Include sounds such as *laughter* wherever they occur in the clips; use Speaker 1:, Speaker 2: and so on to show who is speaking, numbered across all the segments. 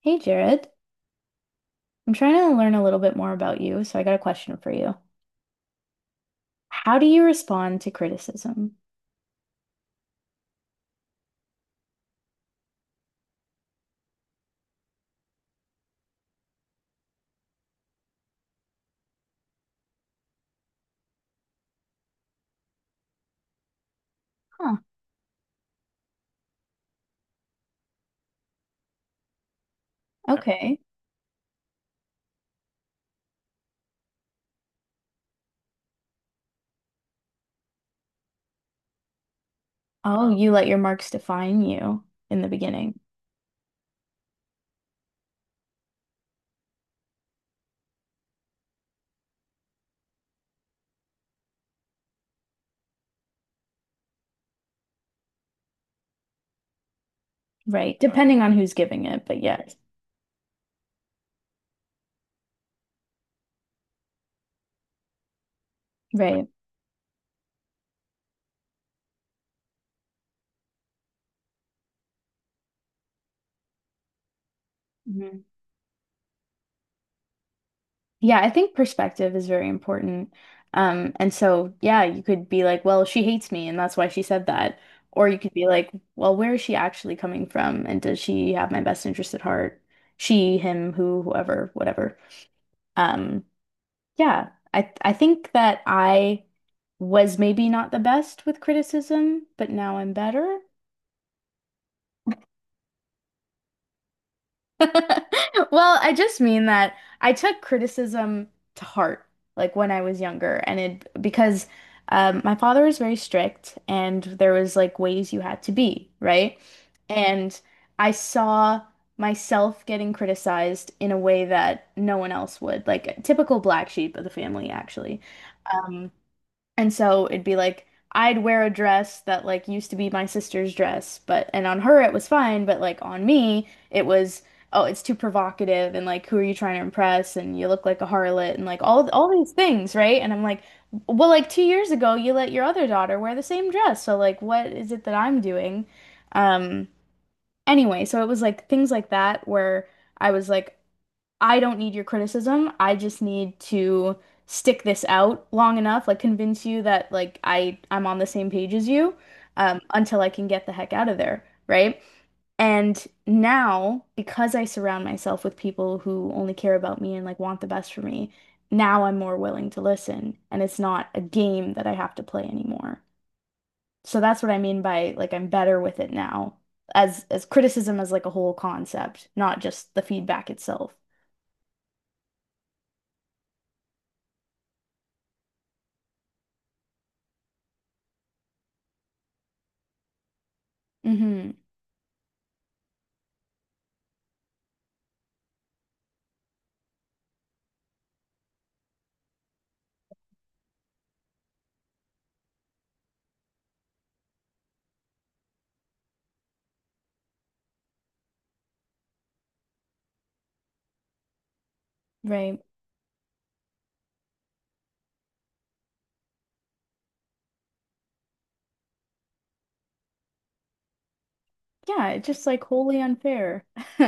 Speaker 1: Hey Jared, I'm trying to learn a little bit more about you, so I got a question for you. How do you respond to criticism? Huh, okay. Oh, you let your marks define you in the beginning, right? Depending on who's giving it, but yes, right. Mhm. Yeah, I think perspective is very important. And so yeah, you could be like, well, she hates me and that's why she said that. Or you could be like, well, where is she actually coming from? And does she have my best interest at heart? She, him, who, whoever, whatever. Um, Yeah, I think that I was maybe not the best with criticism, but now I'm better. *laughs* Well, I just mean that I took criticism to heart, like when I was younger, and it because my father was very strict, and there was like ways you had to be, right? And I saw myself getting criticized in a way that no one else would, like a typical black sheep of the family, actually. Um, And so it'd be like I'd wear a dress that like used to be my sister's dress, but and on her it was fine, but like on me it was oh, it's too provocative and like who are you trying to impress and you look like a harlot and like all these things, right? And I'm like, well, like 2 years ago you let your other daughter wear the same dress, so like what is it that I'm doing? Um, anyway, so it was like things like that where I was like I don't need your criticism. I just need to stick this out long enough, like convince you that like I'm on the same page as you, until I can get the heck out of there, right? And now, because I surround myself with people who only care about me and like want the best for me, now I'm more willing to listen, and it's not a game that I have to play anymore. So that's what I mean by like I'm better with it now, as criticism as like a whole concept, not just the feedback itself. Hmm. Right. Yeah, it's just like wholly unfair. *laughs*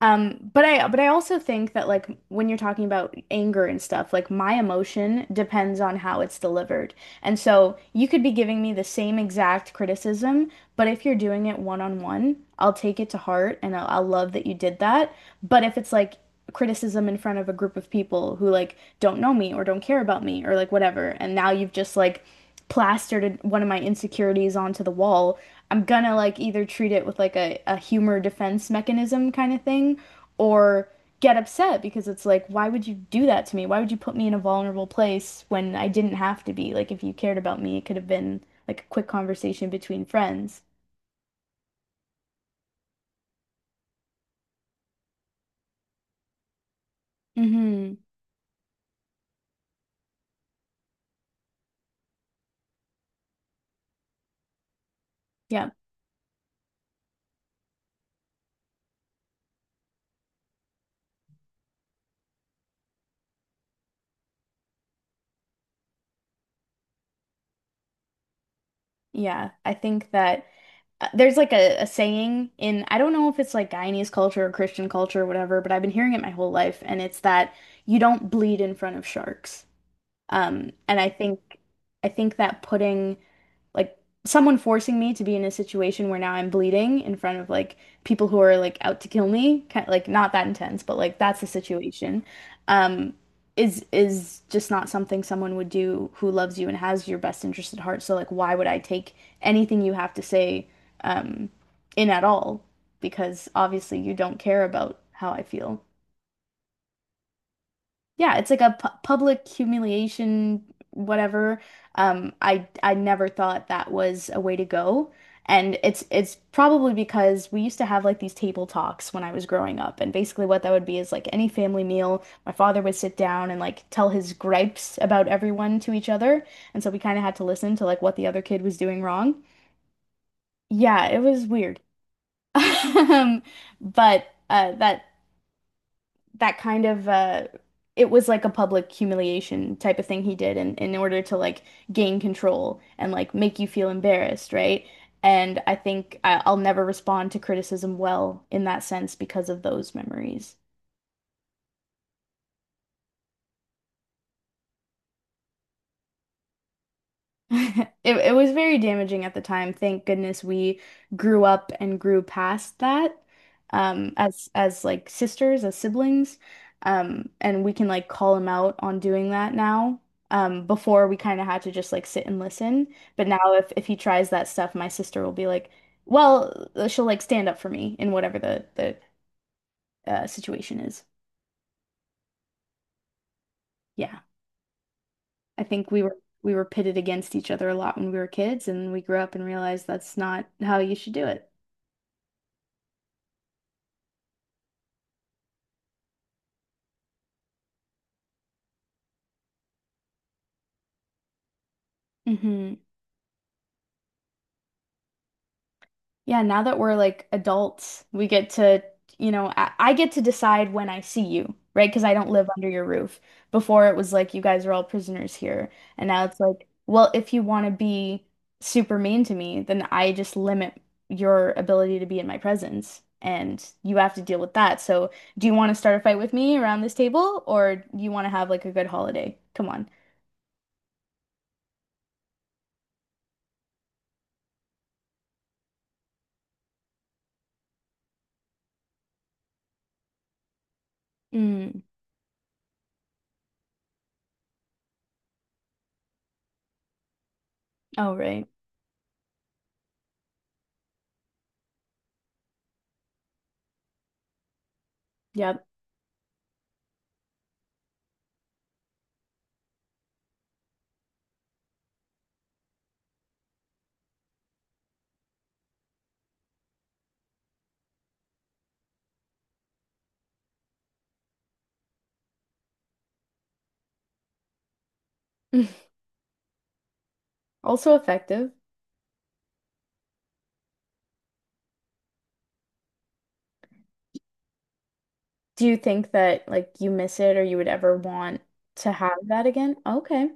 Speaker 1: But I but I also think that like when you're talking about anger and stuff, like my emotion depends on how it's delivered. And so you could be giving me the same exact criticism, but if you're doing it one on one, I'll take it to heart and I'll love that you did that. But if it's like criticism in front of a group of people who like don't know me or don't care about me or like whatever and now you've just like plastered one of my insecurities onto the wall, I'm gonna like either treat it with like a humor defense mechanism kind of thing or get upset because it's like why would you do that to me? Why would you put me in a vulnerable place when I didn't have to be? Like if you cared about me it could have been like a quick conversation between friends. Mm-hmm. Yeah. Yeah, I think that there's like a saying in, I don't know if it's like Guyanese culture or Christian culture or whatever, but I've been hearing it my whole life, and it's that you don't bleed in front of sharks. And I think that putting like someone forcing me to be in a situation where now I'm bleeding in front of like people who are like out to kill me, kind like not that intense, but like that's the situation. Um, is just not something someone would do who loves you and has your best interest at heart. So like, why would I take anything you have to say, um, in at all? Because obviously you don't care about how I feel. Yeah, it's like a pu public humiliation, whatever. I never thought that was a way to go. And it's probably because we used to have like these table talks when I was growing up. And basically what that would be is like any family meal, my father would sit down and like tell his gripes about everyone to each other. And so we kind of had to listen to like what the other kid was doing wrong. Yeah, it was weird. *laughs* Um, but that that kind of it was like a public humiliation type of thing he did in order to like gain control and like make you feel embarrassed, right? And I'll never respond to criticism well in that sense because of those memories. *laughs* It was very damaging at the time. Thank goodness we grew up and grew past that, as like sisters, as siblings. And we can like call him out on doing that now. Before we kind of had to just like sit and listen. But now if he tries that stuff, my sister will be like, "Well, she'll like stand up for me in whatever the situation is." Yeah. I think we were pitted against each other a lot when we were kids and we grew up and realized that's not how you should do it. Hmm. Yeah, now that we're like adults, we get to, you know, I get to decide when I see you, right? Because I don't live under your roof. Before it was like you guys are all prisoners here. And now it's like, well, if you want to be super mean to me, then I just limit your ability to be in my presence. And you have to deal with that. So, do you want to start a fight with me around this table, or you want to have like a good holiday? Come on. Mm. Oh, right. Yep. *laughs* Also effective. Do you think that like you miss it or you would ever want to have that again? Okay.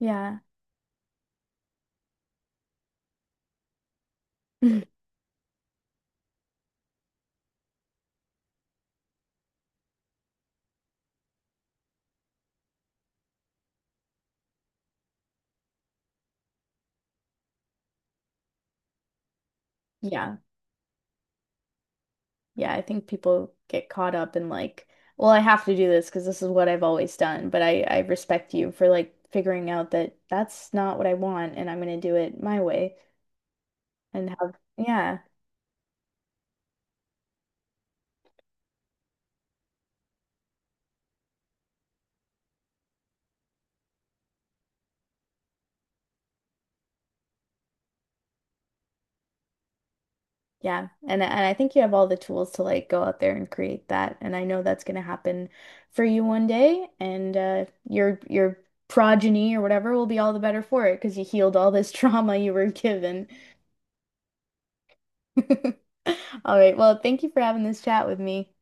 Speaker 1: Yeah. *laughs* Yeah. Yeah, I think people get caught up in like, well, I have to do this because this is what I've always done, but I respect you for like figuring out that that's not what I want and I'm going to do it my way and have, yeah. Yeah, and I think you have all the tools to like go out there and create that, and I know that's going to happen for you one day, and your progeny or whatever will be all the better for it because you healed all this *laughs* trauma you were given. *laughs* All right, well, thank you for having this chat with me.